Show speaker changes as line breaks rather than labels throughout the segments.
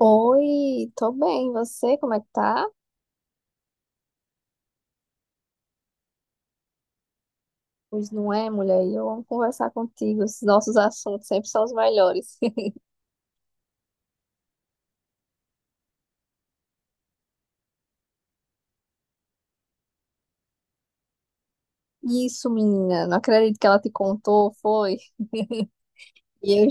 Oi, tô bem. E você, como é que tá? Pois não é, mulher? Eu amo conversar contigo. Os nossos assuntos sempre são os melhores. Isso, menina. Não acredito que ela te contou, foi? E eu,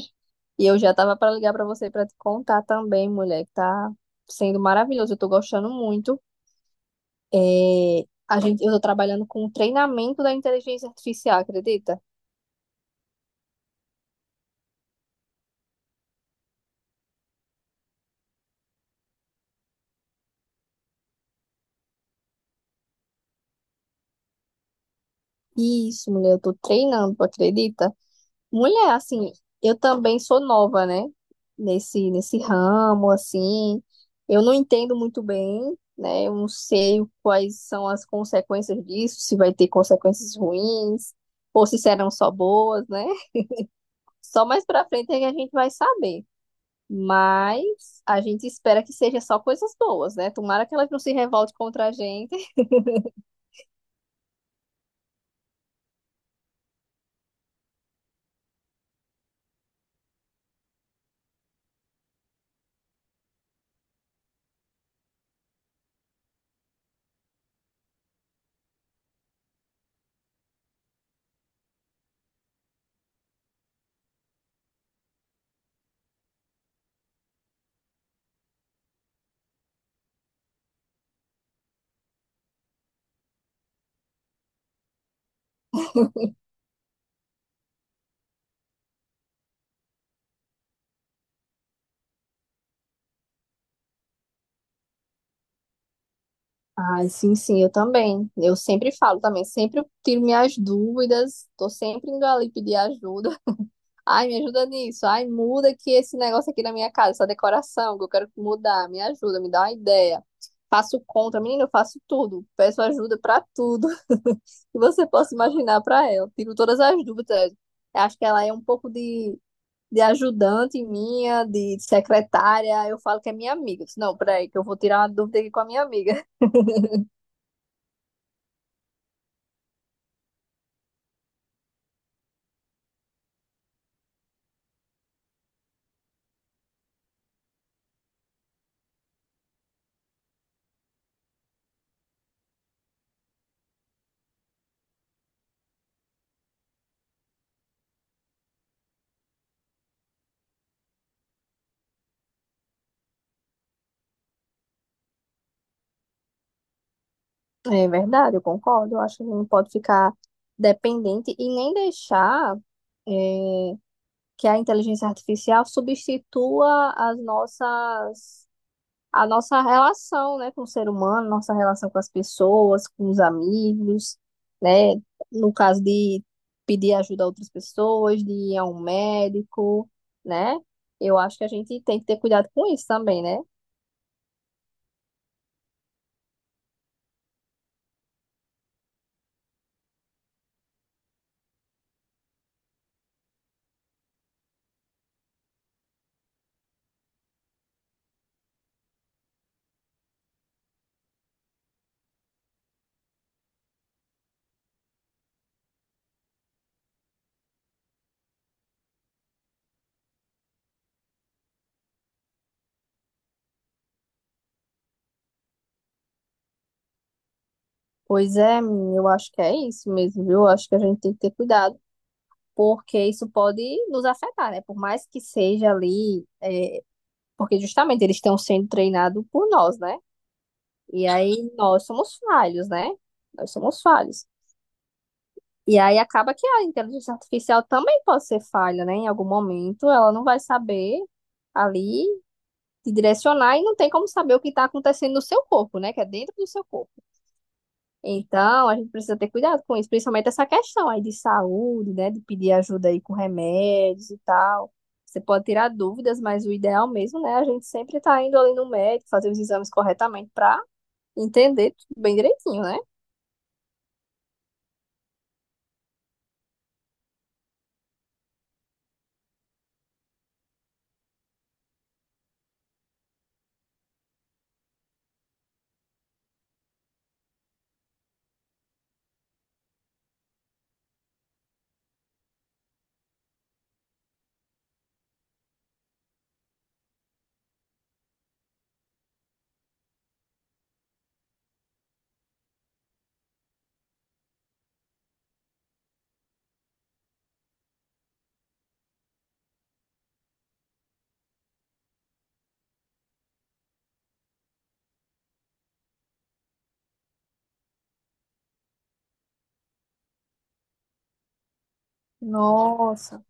e eu já tava pra ligar pra você pra te contar também, mulher, que tá sendo maravilhoso. Eu tô gostando muito. É, a gente, eu tô trabalhando com o treinamento da inteligência artificial, acredita? Isso, mulher. Eu tô treinando, tu acredita? Mulher, assim, eu também sou nova, né? Nesse ramo, assim. Eu não entendo muito bem, né? Eu não sei quais são as consequências disso, se vai ter consequências ruins, ou se serão só boas, né? Só mais pra frente é que a gente vai saber. Mas a gente espera que seja só coisas boas, né? Tomara que elas não se revolte contra a gente. Ai, sim, sim, eu também. Eu sempre falo também, sempre tiro minhas dúvidas, tô sempre indo ali pedir ajuda. Ai, me ajuda nisso. Ai, muda aqui esse negócio aqui na minha casa, essa decoração que eu quero mudar. Me ajuda, me dá uma ideia. Faço contra, menina, eu faço tudo. Peço ajuda pra tudo que você possa imaginar pra ela. Tiro todas as dúvidas. Eu acho que ela é um pouco de ajudante minha, de secretária. Eu falo que é minha amiga. Eu disse, não, peraí, que eu vou tirar uma dúvida aqui com a minha amiga. É verdade, eu concordo. Eu acho que não pode ficar dependente e nem deixar. eh, que é a inteligência artificial substitua as nossas, a nossa relação, né, com o ser humano, nossa relação com as pessoas, com os amigos, né, no caso de pedir ajuda a outras pessoas, de ir a um médico, né? Eu acho que a gente tem que ter cuidado com isso também, né? Pois é, menina, eu acho que é isso mesmo, viu? Eu acho que a gente tem que ter cuidado, porque isso pode nos afetar, né? Por mais que seja ali, é, porque justamente eles estão sendo treinados por nós, né? E aí nós somos falhos, né? Nós somos falhos. E aí acaba que a inteligência artificial também pode ser falha, né? Em algum momento ela não vai saber ali te direcionar e não tem como saber o que está acontecendo no seu corpo, né? Que é dentro do seu corpo. Então a gente precisa ter cuidado com isso, principalmente essa questão aí de saúde, né? De pedir ajuda aí com remédios e tal. Você pode tirar dúvidas, mas o ideal mesmo, né? A gente sempre tá indo ali no médico, fazer os exames corretamente para entender tudo bem direitinho, né? Nossa,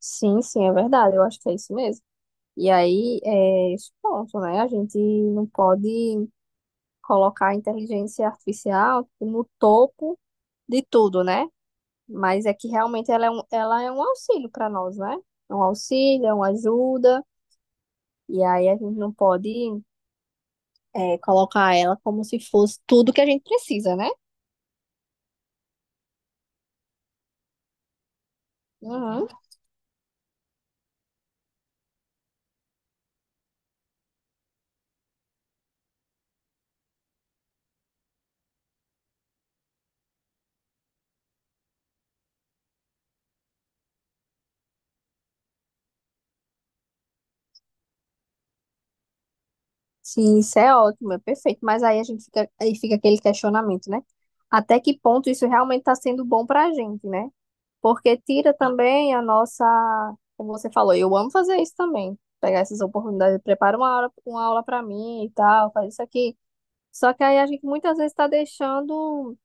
sim, sim, é verdade, eu acho que é isso mesmo. E aí é esse ponto, né? A gente não pode colocar a inteligência artificial no topo de tudo, né? Mas é que realmente ela é ela é um auxílio para nós, né? É um auxílio, é uma ajuda, e aí a gente não pode colocar ela como se fosse tudo que a gente precisa, né? Uhum. Sim, isso é ótimo, é perfeito. Mas aí a gente fica, aí fica aquele questionamento, né? Até que ponto isso realmente está sendo bom para a gente, né? Porque tira também a nossa, como você falou, eu amo fazer isso também, pegar essas oportunidades, prepara uma aula para mim e tal, faz isso aqui. Só que aí a gente muitas vezes está deixando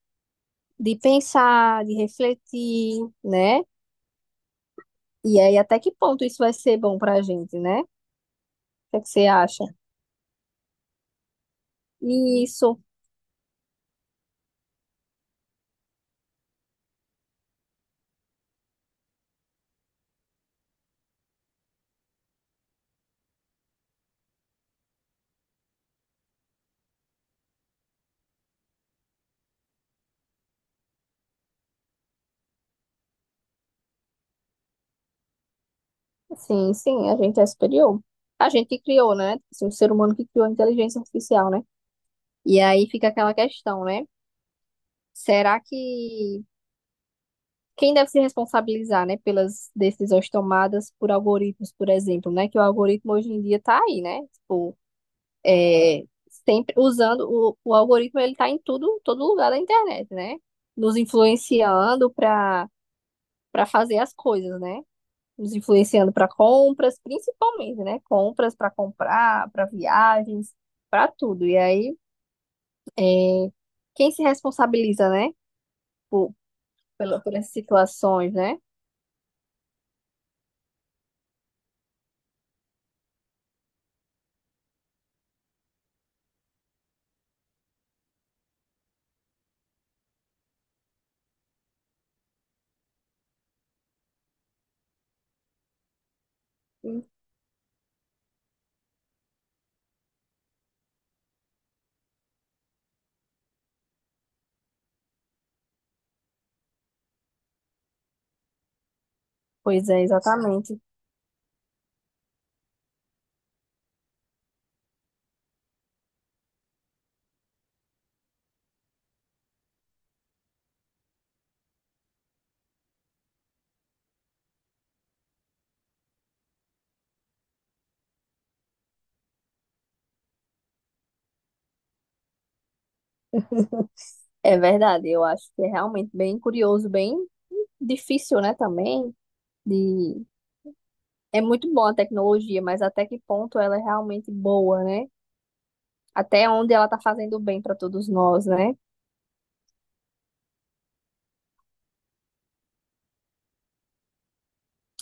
de pensar, de refletir, né? E aí até que ponto isso vai ser bom para a gente, né? O que é que você acha? Isso. Sim, sim, a gente é superior. A gente que criou, né? Assim, o ser humano que criou a inteligência artificial, né? E aí fica aquela questão, né? Será que quem deve se responsabilizar, né, pelas decisões tomadas por algoritmos, por exemplo, né? Que o algoritmo hoje em dia tá aí, né? Tipo, é, sempre usando o algoritmo, ele tá em tudo, todo lugar da internet, né? Nos influenciando para fazer as coisas, né? Nos influenciando para compras, principalmente, né? Compras para comprar, para viagens, para tudo. E aí, é, quem se responsabiliza, né? Por, por essas situações, né? Pois é, exatamente. É verdade. Eu acho que é realmente bem curioso, bem difícil, né? Também de é muito boa a tecnologia, mas até que ponto ela é realmente boa, né? Até onde ela tá fazendo bem para todos nós, né?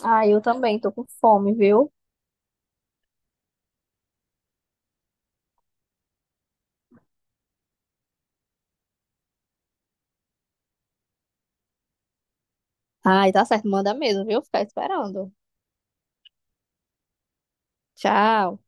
Ah, eu também tô com fome, viu? Ai, tá certo, manda mesmo, viu? Ficar esperando. Tchau.